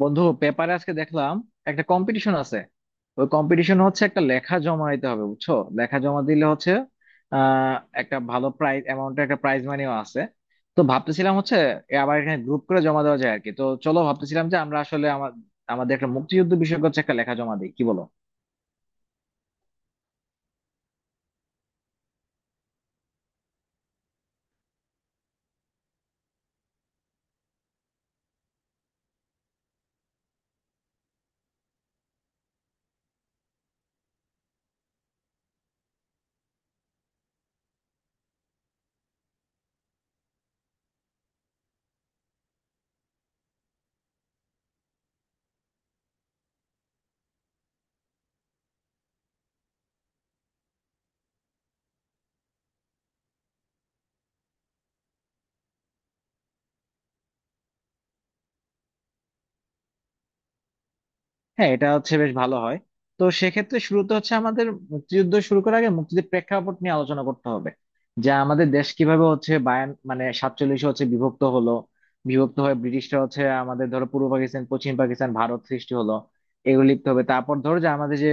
বন্ধু, পেপারে আজকে দেখলাম একটা কম্পিটিশন আছে। ওই কম্পিটিশন হচ্ছে একটা লেখা জমা দিতে হবে, বুঝছো? লেখা জমা দিলে হচ্ছে আহ একটা ভালো প্রাইজ অ্যামাউন্টের একটা প্রাইজ মানিও আছে। তো ভাবতেছিলাম হচ্ছে এ আবার এখানে গ্রুপ করে জমা দেওয়া যায় আর কি। তো চলো, ভাবতেছিলাম যে আমরা আসলে আমাদের একটা মুক্তিযুদ্ধ বিষয়ক হচ্ছে একটা লেখা জমা দিই, কি বলো? হ্যাঁ, এটা হচ্ছে বেশ ভালো হয়। তো সেক্ষেত্রে শুরুতে হচ্ছে আমাদের মুক্তিযুদ্ধ শুরু করার আগে মুক্তিযুদ্ধের প্রেক্ষাপট নিয়ে আলোচনা করতে হবে, যা আমাদের দেশ কিভাবে হচ্ছে বায়ান মানে 47-এ হচ্ছে বিভক্ত হলো। বিভক্ত হয়ে ব্রিটিশরা হচ্ছে আমাদের ধরো পূর্ব পাকিস্তান, পশ্চিম পাকিস্তান, ভারত সৃষ্টি হলো। এগুলো লিখতে হবে। তারপর ধরো যে আমাদের যে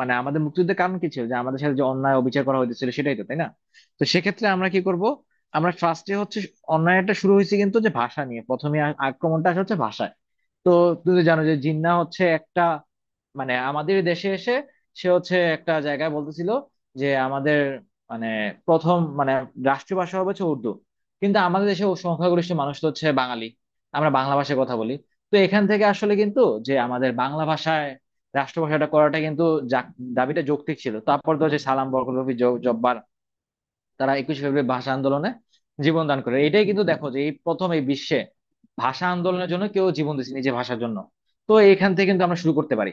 মানে আমাদের মুক্তিযুদ্ধের কারণ কি ছিল, যে আমাদের সাথে যে অন্যায় অবিচার করা হয়েছিল, সেটাই তো, তাই না? তো সেক্ষেত্রে আমরা কি করব? আমরা ফার্স্টে হচ্ছে অন্যায়টা শুরু হয়েছে কিন্তু, যে ভাষা নিয়ে প্রথমে আক্রমণটা আসে হচ্ছে ভাষায়। তো তুমি তো জানো যে জিন্না হচ্ছে একটা মানে আমাদের দেশে এসে সে হচ্ছে একটা জায়গায় বলতেছিল যে আমাদের মানে প্রথম মানে রাষ্ট্রীয় ভাষা হবে হচ্ছে উর্দু। কিন্তু আমাদের দেশে ও সংখ্যাগরিষ্ঠ মানুষ তো হচ্ছে বাঙালি, আমরা বাংলা ভাষায় কথা বলি। তো এখান থেকে আসলে কিন্তু যে আমাদের বাংলা ভাষায় রাষ্ট্রভাষাটা করাটা কিন্তু যা- দাবিটা যৌক্তিক ছিল। তারপর তো হচ্ছে সালাম, বরকত, রফি, জব্বার তারা 21শে ফেব্রুয়ারি ভাষা আন্দোলনে জীবন দান করে। এটাই কিন্তু দেখো যে এই প্রথম এই বিশ্বে ভাষা আন্দোলনের জন্য কেউ জীবন দিয়েছে নিজের ভাষার জন্য। তো এখান থেকে কিন্তু আমরা শুরু করতে পারি।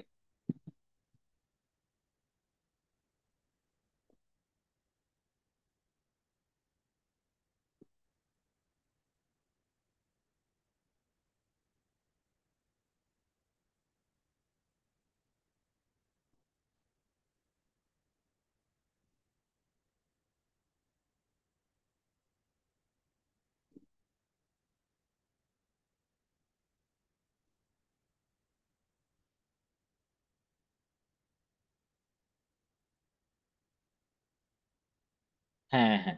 হ্যাঁ, হ্যাঁ।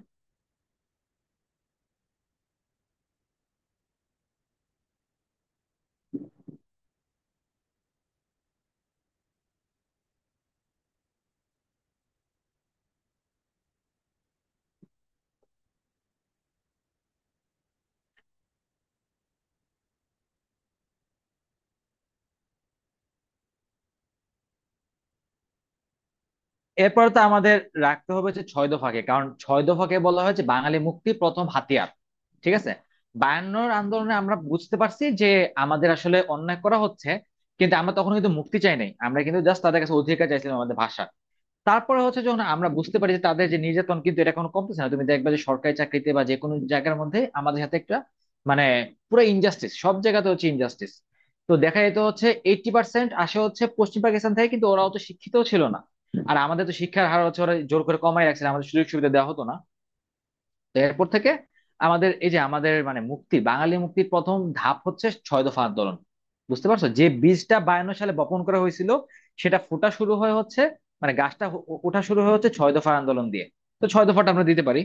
এরপর তো আমাদের রাখতে হবে যে ছয় দফাকে, কারণ ছয় দফাকে বলা হয়েছে বাঙালি মুক্তির প্রথম হাতিয়ার। ঠিক আছে। 52-র আন্দোলনে আমরা বুঝতে পারছি যে আমাদের আসলে অন্যায় করা হচ্ছে, কিন্তু আমরা তখন কিন্তু মুক্তি চাই নাই, আমরা কিন্তু জাস্ট তাদের কাছে অধিকার চাইছিলাম আমাদের ভাষা। তারপরে হচ্ছে যখন আমরা বুঝতে পারি যে তাদের যে নির্যাতন কিন্তু এটা কোনো কমতেছে না, তুমি দেখবে যে সরকারি চাকরিতে বা যে কোনো জায়গার মধ্যে আমাদের সাথে একটা মানে পুরো ইনজাস্টিস, সব জায়গাতে হচ্ছে ইনজাস্টিস। তো দেখা যেত হচ্ছে 80% আসে হচ্ছে পশ্চিম পাকিস্তান থেকে, কিন্তু ওরা অত শিক্ষিত ছিল না। আর আমাদের তো শিক্ষার হার হচ্ছে ওরা জোর করে কমাই রাখছিল, আমাদের সুযোগ সুবিধা দেওয়া হতো না। তো এরপর থেকে আমাদের এই যে আমাদের মানে মুক্তি বাঙালি মুক্তির প্রথম ধাপ হচ্ছে ছয় দফা আন্দোলন। বুঝতে পারছো যে বীজটা 52 সালে বপন করা হয়েছিল, সেটা ফোটা শুরু হয়ে হচ্ছে, মানে গাছটা ওঠা শুরু হয়ে হচ্ছে ছয় দফা আন্দোলন দিয়ে। তো ছয় দফাটা আমরা দিতে পারি।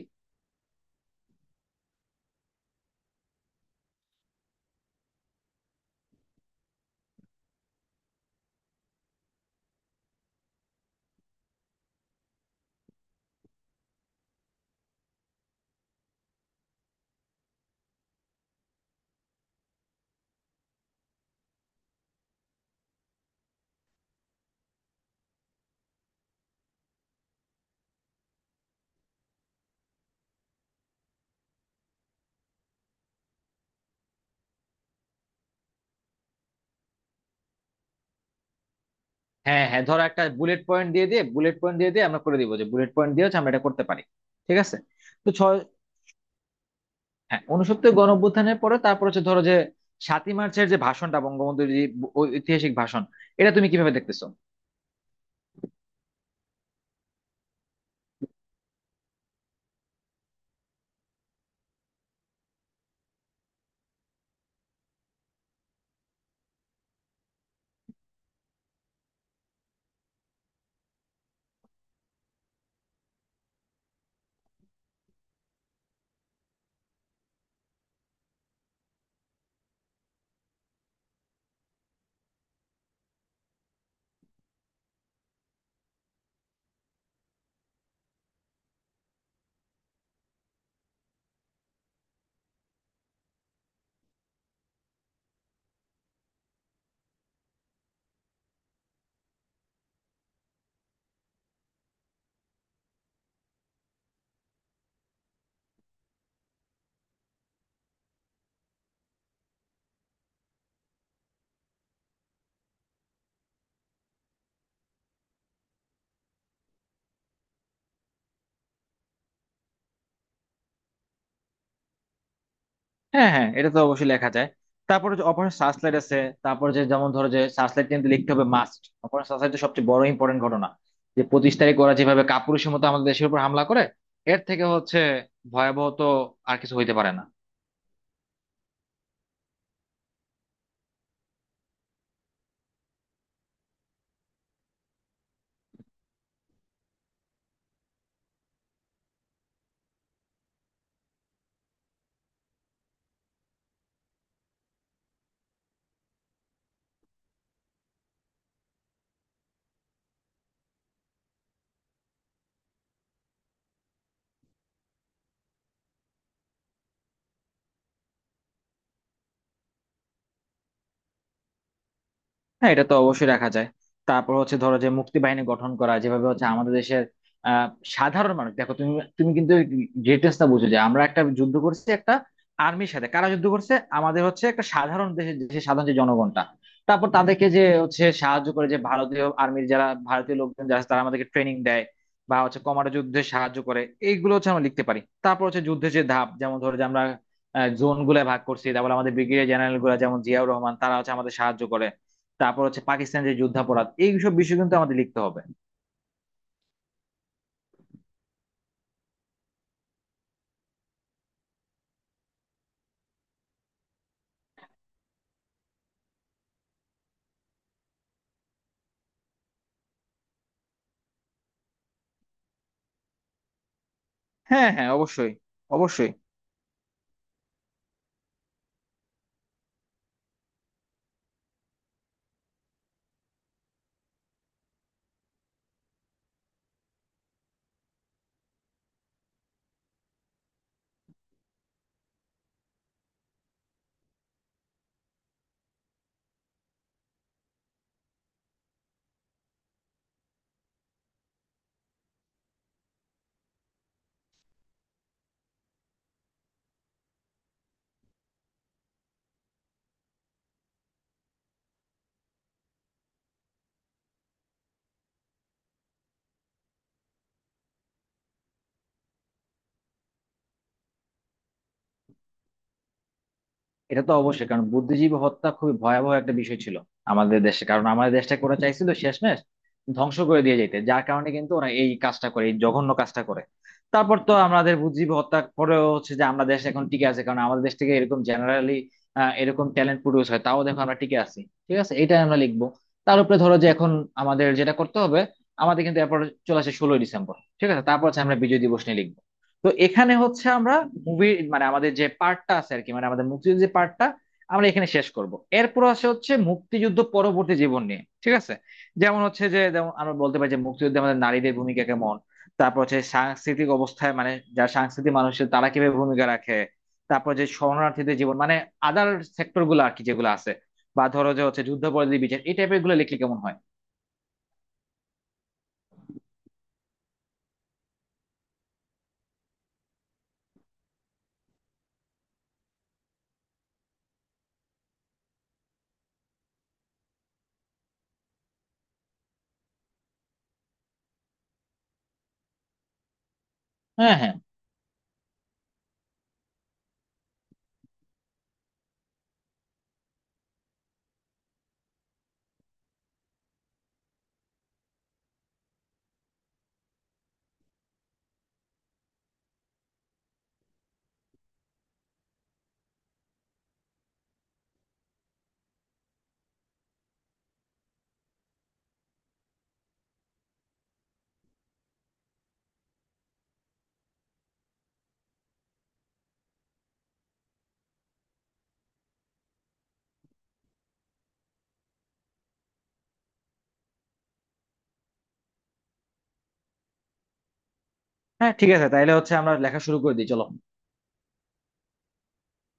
হ্যাঁ, হ্যাঁ, ধরো একটা বুলেট পয়েন্ট দিয়ে দিয়ে আমরা করে দিব, যে বুলেট পয়েন্ট দিয়ে হচ্ছে আমরা এটা করতে পারি। ঠিক আছে। তো ছয়, হ্যাঁ, 69 গণঅভ্যুত্থানের পরে তারপর হচ্ছে ধরো যে 7ই মার্চের যে ভাষণটা বঙ্গবন্ধুর যে ঐতিহাসিক ভাষণ, এটা তুমি কিভাবে দেখতেছো? হ্যাঁ, হ্যাঁ, এটা তো অবশ্যই লেখা যায়। তারপরে যে অপারেশন সার্চলাইট আছে, তারপরে যে যেমন ধরো যে সার্চলাইট কিন্তু লিখতে হবে মাস্ট। অপারেশন সার্চলাইট তো সবচেয়ে বড় ইম্পর্টেন্ট ঘটনা, যে 25 তারিখ ওরা যেভাবে কাপুরুষের মতো আমাদের দেশের উপর হামলা করে, এর থেকে হচ্ছে ভয়াবহ তো আর কিছু হইতে পারে না। হ্যাঁ, এটা তো অবশ্যই রাখা যায়। তারপর হচ্ছে ধরো যে মুক্তি বাহিনী গঠন করা যেভাবে হচ্ছে আমাদের দেশের আহ, সাধারণ মানুষ, দেখো তুমি, তুমি কিন্তু ডিটেলসটা বুঝো যে আমরা একটা যুদ্ধ করছি একটা আর্মির সাথে, কারা যুদ্ধ করছে? আমাদের হচ্ছে একটা সাধারণ দেশের দেশের সাধারণ যে জনগণটা। তারপর তাদেরকে যে হচ্ছে সাহায্য করে যে ভারতীয় আর্মির যারা ভারতীয় লোকজন যারা আছে, তারা আমাদেরকে ট্রেনিং দেয় বা হচ্ছে কমান্ডো যুদ্ধে সাহায্য করে। এইগুলো হচ্ছে আমরা লিখতে পারি। তারপর হচ্ছে যুদ্ধের যে ধাপ, যেমন ধরো যে আমরা জোন গুলা ভাগ করছি, তারপর আমাদের ব্রিগেডিয়ার জেনারেল গুলা যেমন জিয়াউর রহমান তারা হচ্ছে আমাদের সাহায্য করে। তারপর হচ্ছে পাকিস্তানের যে যুদ্ধাপরাধ, এইসব বিষয় কিন্তু আমাদের লিখতে হবে। হ্যাঁ, হ্যাঁ, অবশ্যই, অবশ্যই। এটা তো অবশ্যই, কারণ বুদ্ধিজীবী হত্যা খুবই ভয়াবহ একটা বিষয় ছিল আমাদের দেশে। কারণ আমাদের দেশটা করা চাইছিল শেষমেশ ধ্বংস করে দিয়ে যেতে, যার কারণে কিন্তু ওরা এই কাজটা করে, এই জঘন্য কাজটা করে। তারপর তো আমাদের বুদ্ধিজীবী হত্যা পরেও হচ্ছে যে আমরা দেশ এখন টিকে আছে, কারণ আমাদের দেশ থেকে এরকম জেনারেলি এরকম ট্যালেন্ট প্রডিউস হয়, তাও দেখো আমরা টিকে আছি। ঠিক আছে, এটা আমরা লিখবো। তার উপরে ধরো যে এখন আমাদের যেটা করতে হবে, আমাদের কিন্তু এরপর চলে আসে 16ই ডিসেম্বর। ঠিক আছে, তারপর হচ্ছে আমরা বিজয় দিবস নিয়ে লিখবো। তো এখানে হচ্ছে আমরা মুভি মানে আমাদের যে পার্টটা আছে আর কি, মানে আমাদের মুক্তিযুদ্ধের যে পার্টটা আমরা এখানে শেষ করব। এরপর আসে হচ্ছে মুক্তিযুদ্ধ পরবর্তী জীবন নিয়ে, ঠিক আছে, যেমন হচ্ছে যে যেমন আমরা বলতে পারি যে মুক্তিযুদ্ধে আমাদের নারীদের ভূমিকা কেমন। তারপর হচ্ছে সাংস্কৃতিক অবস্থায় মানে যারা সাংস্কৃতিক মানুষের, তারা কিভাবে ভূমিকা রাখে। তারপর যে শরণার্থীদের জীবন মানে আদার সেক্টর গুলো আর কি, যেগুলো আছে। বা ধরো যে হচ্ছে যুদ্ধাপরাধী বিচার, এই টাইপের গুলো লিখলে কেমন হয়? হ্যাঁ, হ্যাঁ, হ্যাঁ, ঠিক আছে, তাহলে হচ্ছে আমরা লেখা শুরু করে দিই, চলো।